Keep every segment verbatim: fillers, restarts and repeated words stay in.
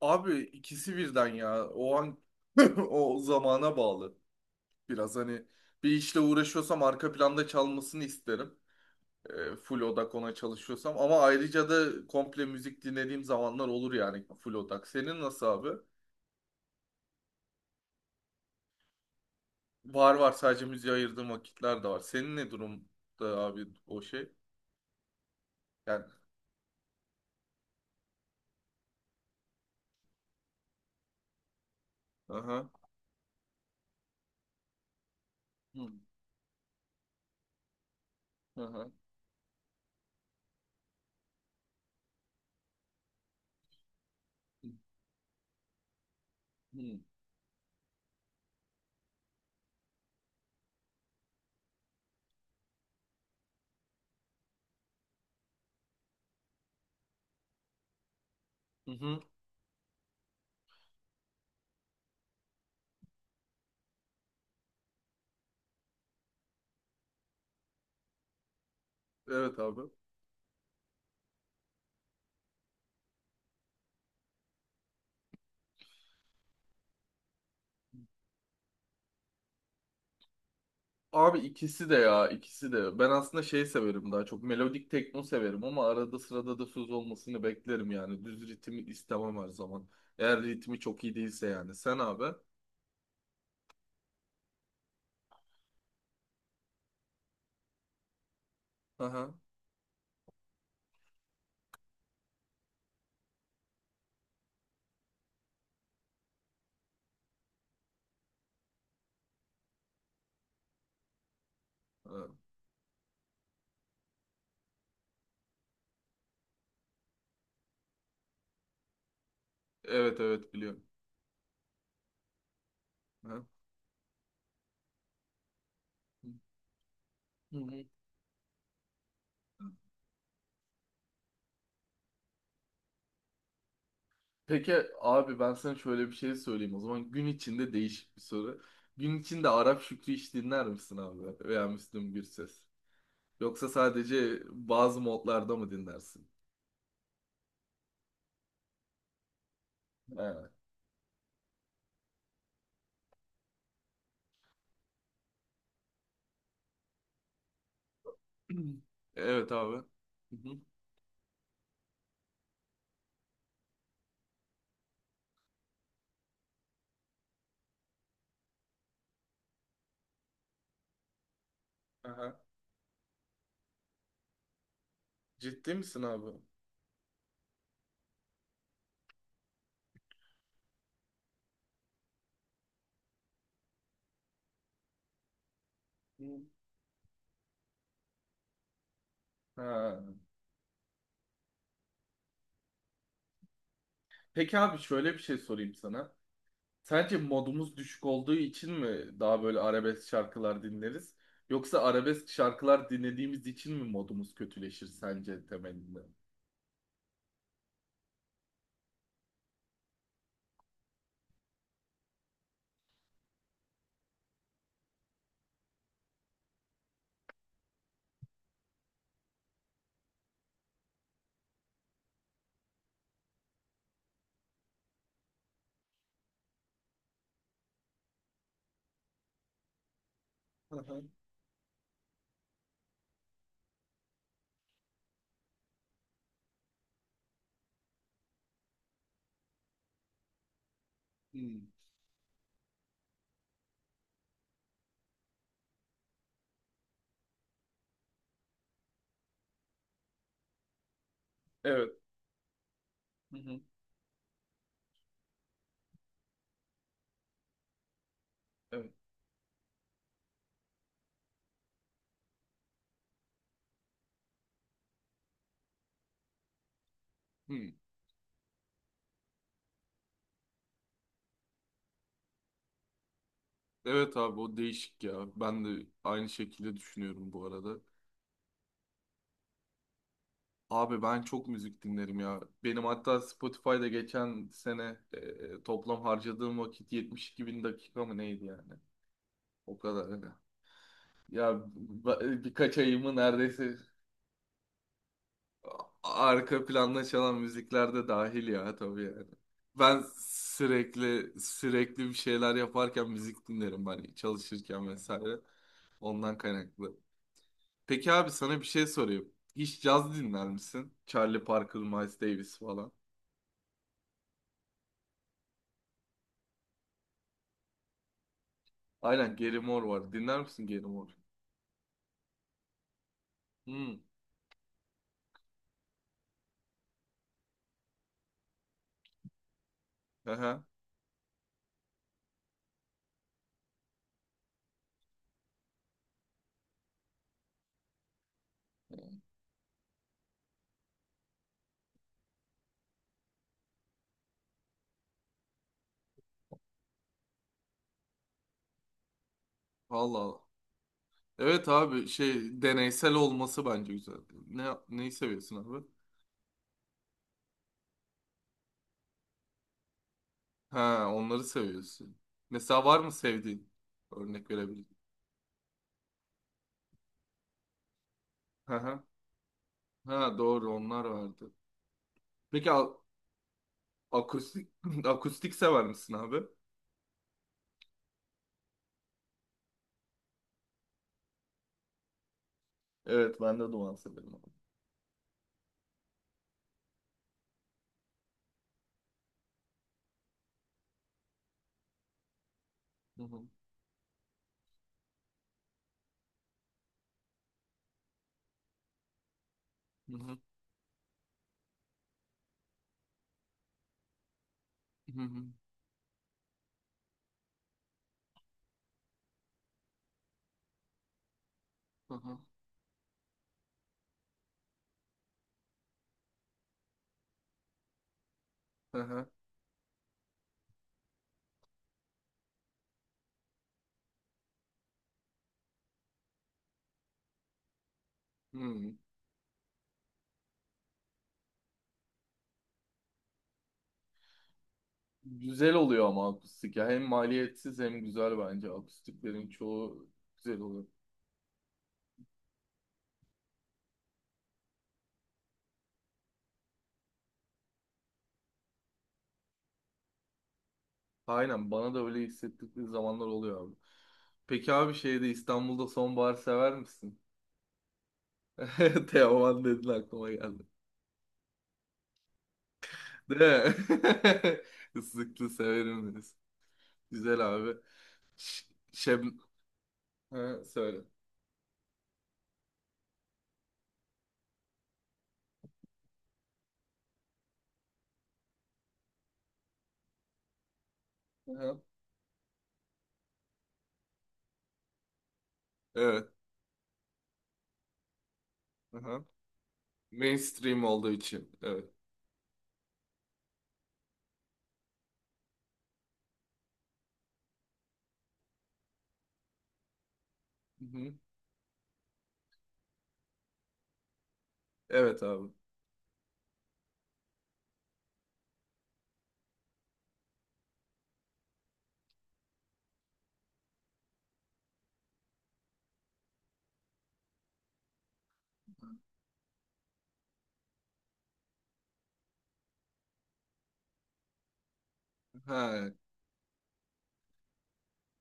Abi ikisi birden ya. O an o zamana bağlı. Biraz hani bir işle uğraşıyorsam arka planda çalmasını isterim. E, full odak ona çalışıyorsam. Ama ayrıca da komple müzik dinlediğim zamanlar olur yani full odak. Senin nasıl abi? Var var, sadece müziğe ayırdığım vakitler de var. Senin ne durumda abi o şey? Yani. Aha. Hı. Aha. Hı. Hı. Hı. Evet abi. Abi ikisi de ya, ikisi de. Ben aslında şey severim, daha çok melodik tekno severim ama arada sırada da söz olmasını beklerim yani. Düz ritmi istemem her zaman. Eğer ritmi çok iyi değilse yani. Sen abi? Aha. Ha. Evet, evet biliyorum. Ha. Hı hı. Peki abi, ben sana şöyle bir şey söyleyeyim o zaman. Gün içinde değişik bir soru. Gün içinde Arap Şükrü hiç dinler misin abi? Veya Müslüm Gürses? Yoksa sadece bazı modlarda mı dinlersin? Evet. Evet abi. Hı hı. Aha. Ciddi misin abi? Hı. Ha. Peki abi, şöyle bir şey sorayım sana. Sence modumuz düşük olduğu için mi daha böyle arabesk şarkılar dinleriz? Yoksa arabesk şarkılar dinlediğimiz için mi modumuz kötüleşir sence temelinde? Hı hı. Hmm. Evet. Hı hı. Evet. Hmm. Evet abi, o değişik ya. Ben de aynı şekilde düşünüyorum bu arada. Abi ben çok müzik dinlerim ya. Benim hatta Spotify'da geçen sene e, e, toplam harcadığım vakit yetmiş iki bin dakika mı neydi yani? O kadar hani. Ya ba- birkaç ayımı neredeyse a- arka planda çalan müzikler de dahil ya, tabii yani. Ben sürekli sürekli bir şeyler yaparken müzik dinlerim hani, çalışırken vesaire. Ondan kaynaklı. Peki abi, sana bir şey sorayım. Hiç caz dinler misin? Charlie Parker, Miles Davis falan. Aynen, Gary Moore var. Dinler misin Gary Moore? Hmm. Aha. Allah Allah. Evet abi, şey deneysel olması bence güzel. Ne neyi seviyorsun abi? Ha, onları seviyorsun. Mesela var mı sevdiğin? Örnek verebilirim. Aha. Ha, doğru, onlar vardı. Peki a- akustik akustik sever misin abi? Evet, ben de duman severim abi. Hı hı. Hı hı. Hı hı. Aha. Aha. Hı hı. Hı hı. Güzel oluyor ama akustik ya. Hem maliyetsiz hem güzel bence. Akustiklerin çoğu güzel oluyor. Aynen, bana da öyle hissettikleri zamanlar oluyor abi. Peki abi, şeyde İstanbul'da sonbahar sever misin? Teoman dedin, aklıma geldi. Değil mi? Islıklı severim deriz. Güzel abi. Ş- Şem... Ha, söyle. Aha. Evet. Aha. Mainstream olduğu için. Evet. Hı hı. Evet abi. Ha,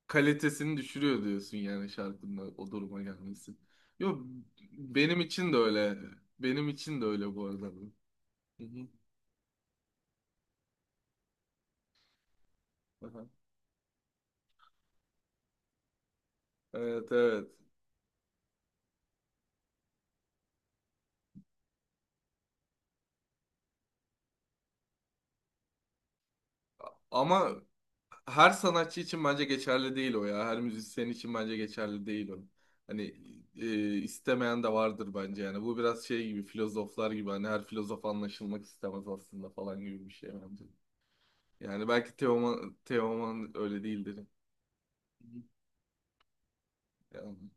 kalitesini düşürüyor diyorsun yani, şarkının o duruma gelmesi. Yo, benim için de öyle. Benim için de öyle bu arada. Bu. Hı hı. Aha. Evet, evet. Ama her sanatçı için bence geçerli değil o ya. Her müzisyen için bence geçerli değil o. Hani e, istemeyen de vardır bence yani. Bu biraz şey gibi, filozoflar gibi, hani her filozof anlaşılmak istemez aslında falan gibi bir şey bence. Yani belki Teoman, Teoman öyle değildir. Hı hı. Yani.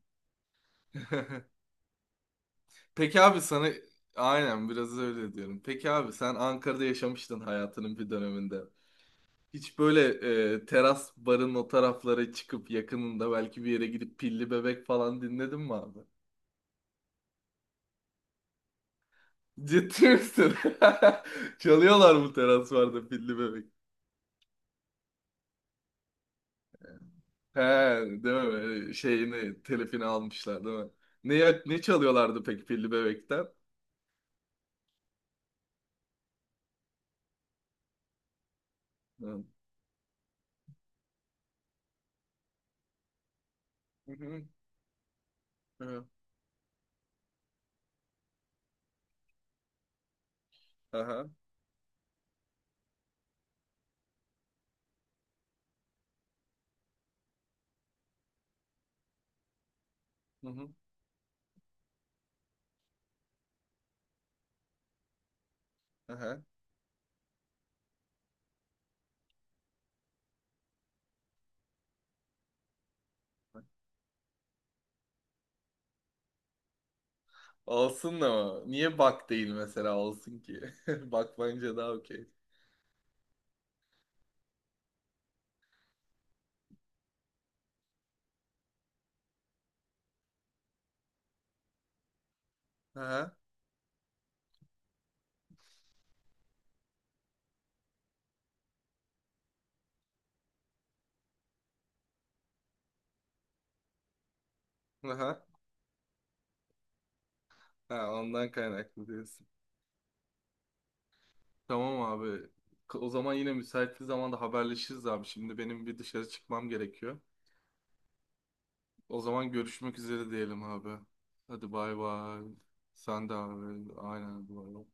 Peki abi sana aynen, biraz öyle diyorum. Peki abi, sen Ankara'da yaşamıştın hayatının bir döneminde. Hiç böyle e, teras barın o taraflara çıkıp yakınında belki bir yere gidip pilli bebek falan dinledin mi abi? Ciddi misin? Çalıyorlar bu teras barda pilli bebek. He, değil mi? Böyle şeyini, telifini almışlar değil mi? Ne, ne çalıyorlardı peki pilli bebekten? Hı. Hı hı. Hı. Aha. Hı hı. Aha. Olsun, ama niye bak değil mesela, olsun ki? Bak, bence daha okey. Aha, aha. Ha, ondan kaynaklı diyorsun. Tamam abi. K- O zaman yine müsait bir zamanda haberleşiriz abi. Şimdi benim bir dışarı çıkmam gerekiyor. O zaman görüşmek üzere diyelim abi. Hadi bay bay. Sen de abi. Aynen, bay bay.